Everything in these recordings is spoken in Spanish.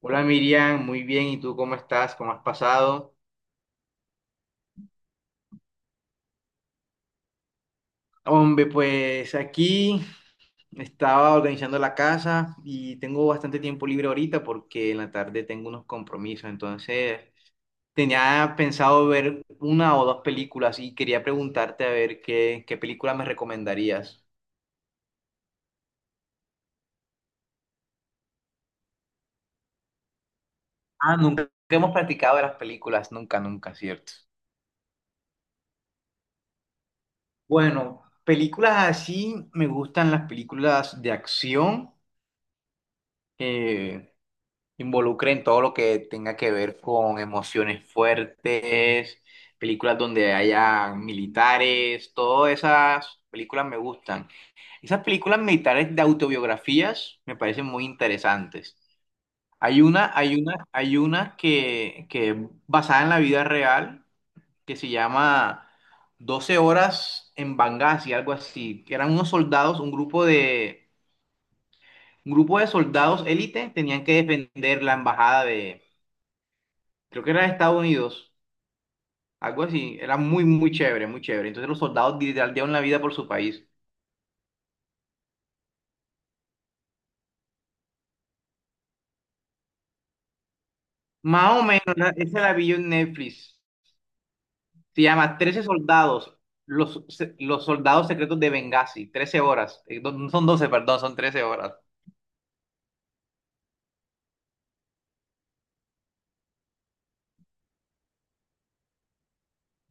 Hola Miriam, muy bien. ¿Y tú cómo estás? ¿Cómo has pasado? Hombre, pues aquí estaba organizando la casa y tengo bastante tiempo libre ahorita porque en la tarde tengo unos compromisos. Entonces tenía pensado ver una o dos películas y quería preguntarte a ver qué película me recomendarías. Ah, nunca hemos practicado de las películas, nunca, nunca, ¿cierto? Bueno, películas así me gustan las películas de acción. Eh, involucre todo lo que tenga que ver con emociones fuertes, películas donde haya militares, todas esas películas me gustan. Esas películas militares de autobiografías me parecen muy interesantes. Hay una que es basada en la vida real que se llama 12 horas en Benghazi, algo así, que eran unos soldados, un grupo de soldados élite, tenían que defender la embajada creo que era de Estados Unidos, algo así, era muy, muy chévere, muy chévere. Entonces los soldados literal dieron la vida por su país. Más o menos, esa la vi yo en Netflix. Se llama 13 soldados, los soldados secretos de Benghazi, 13 horas. No son doce, perdón, son 13 horas.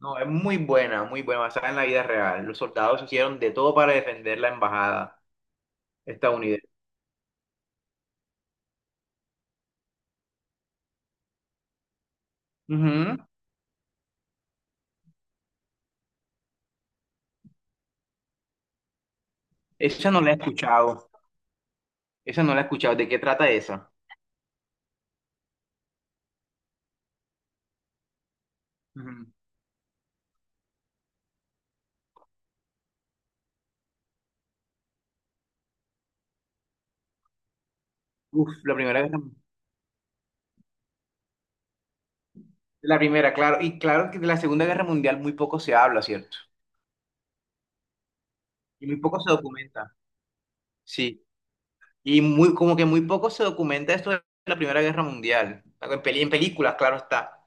No, es muy buena, basada en la vida real. Los soldados hicieron de todo para defender la embajada estadounidense. Ujú. Esa no la he escuchado. Esa no la he escuchado. ¿De qué trata esa? Ujú. Uf, la primera vez. La primera, claro. Y claro que de la Segunda Guerra Mundial muy poco se habla, ¿cierto? Y muy poco se documenta. Sí. Y muy, como que muy poco se documenta esto de la Primera Guerra Mundial. En películas, claro está.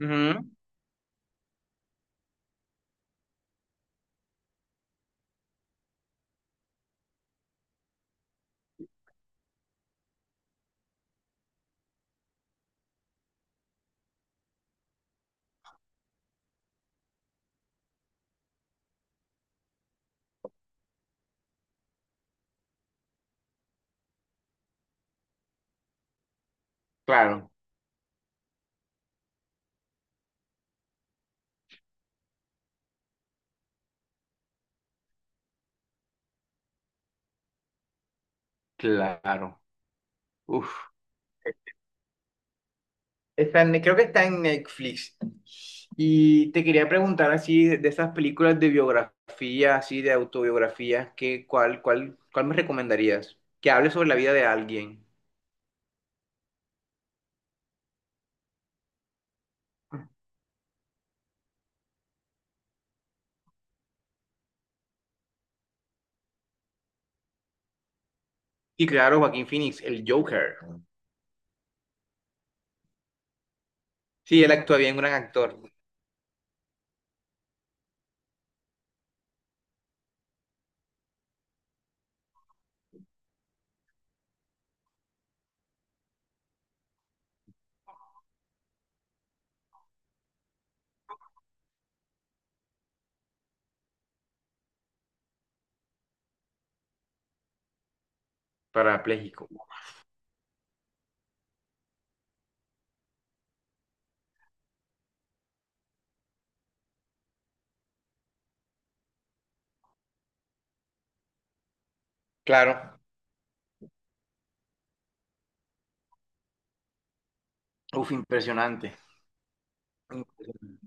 Ujú. Claro, claro. Uf. Creo que está en Netflix. Y te quería preguntar así de esas películas de biografía, así de autobiografía, ¿qué, cuál me recomendarías? Que hable sobre la vida de alguien. Y claro, Joaquín Phoenix, el Joker. Sí, él actúa bien, un gran actor. Parapléjico. Claro. Uf, impresionante. Impresionante.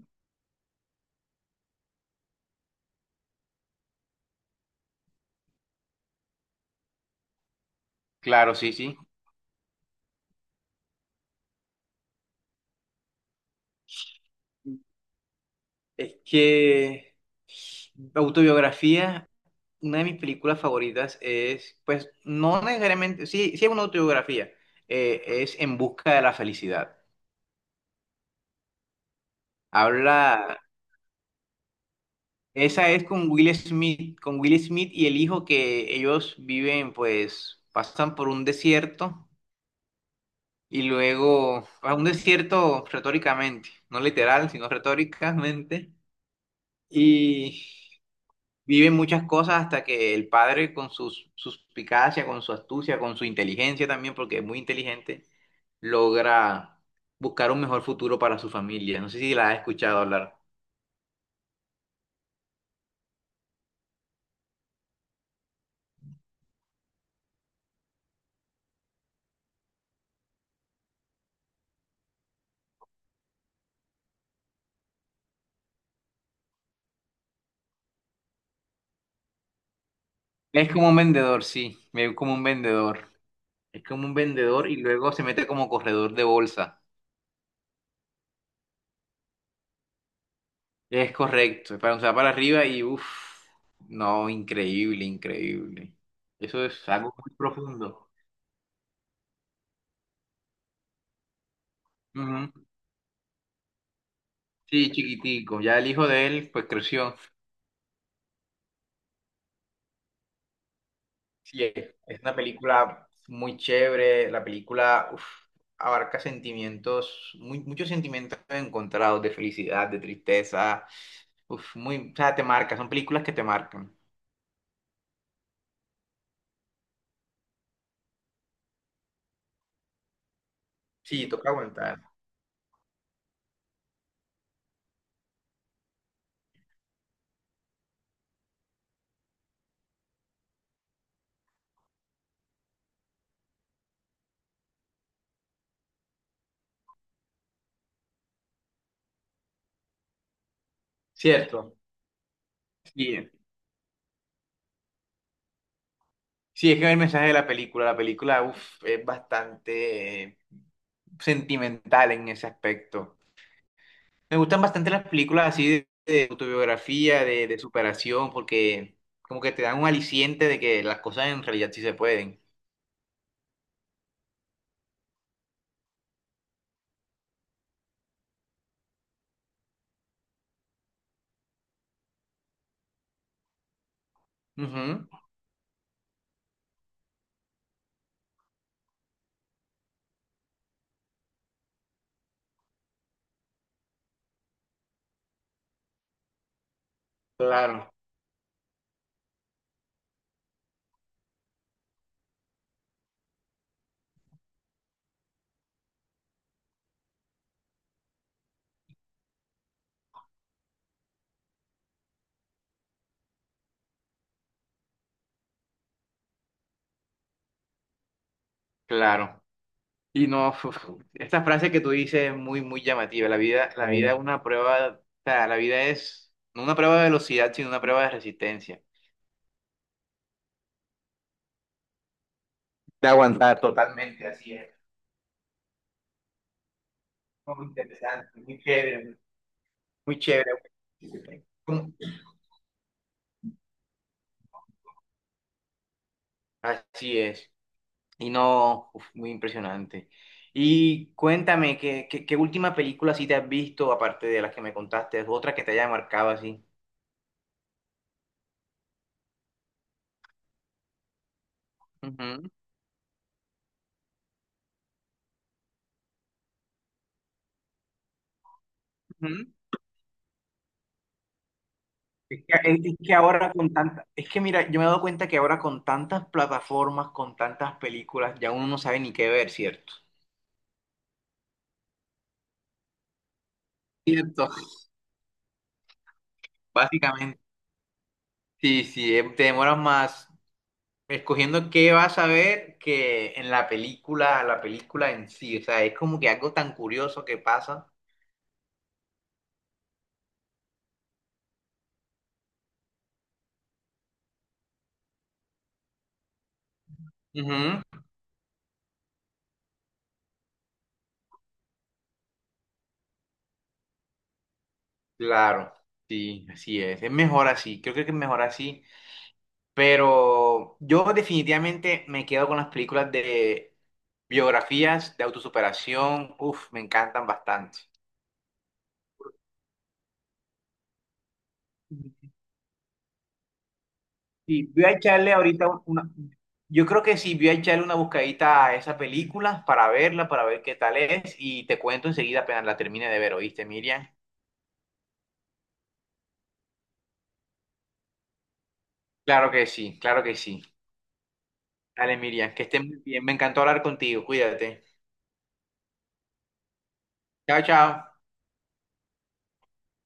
Claro, sí, sí. Es que autobiografía, una de mis películas favoritas es, pues, no necesariamente, sí, sí es una autobiografía, es En busca de la felicidad. Habla, esa es con Will Smith, y el hijo que ellos viven, pues, pasan por un desierto. Y luego a un desierto retóricamente, no literal, sino retóricamente. Y vive muchas cosas hasta que el padre con su suspicacia, con su astucia, con su inteligencia también, porque es muy inteligente, logra buscar un mejor futuro para su familia. No sé si la has escuchado hablar. Es como un vendedor, sí, me veo como un vendedor. Es como un vendedor y luego se mete como corredor de bolsa. Es correcto, es para o sea, para arriba y uff, no, increíble, increíble. Eso es algo muy profundo. Ujú. Sí, chiquitico. Ya el hijo de él, pues creció. Sí, es una película muy chévere. La película uf, abarca sentimientos, muchos sentimientos encontrados de felicidad, de tristeza. Uf, muy, o sea, te marca, son películas que te marcan. Sí, toca aguantar. Cierto. Sí, sí, es que el mensaje de la película uf, es bastante sentimental en ese aspecto. Me gustan bastante las películas así de autobiografía, de superación, porque como que te dan un aliciente de que las cosas en realidad sí se pueden. Ujú, claro, claro. Y no, uf, esta frase que tú dices es muy, muy llamativa. La vida, bueno, es, bueno, una prueba, o sea, la vida es no una prueba de velocidad, sino una prueba de resistencia. De aguantar. Totalmente, así es. Muy interesante, muy chévere. Muy chévere. ¿Cómo? Así es. Y no, uf, muy impresionante. Y cuéntame, ¿qué última película sí te has visto, aparte de las que me contaste, otra que te haya marcado así? Ujú, ujú. Es que ahora con tantas, es que mira, yo me he dado cuenta que ahora con tantas plataformas, con tantas películas, ya uno no sabe ni qué ver, ¿cierto? Cierto, básicamente. Sí, sí, te demoras más. Escogiendo qué vas a ver que en la película en sí, o sea, es como que algo tan curioso que pasa. Ujú. Claro, sí, así es mejor así, creo que es mejor así, pero yo definitivamente me quedo con las películas de biografías, de autosuperación, uff, me encantan bastante. Sí, voy a echarle ahorita una... Yo creo que sí, voy a echarle una buscadita a esa película para verla, para ver qué tal es y te cuento enseguida apenas la termine de ver, ¿oíste, Miriam? Claro que sí, claro que sí. Dale, Miriam, que estés muy bien. Me encantó hablar contigo. Cuídate. Chao, chao.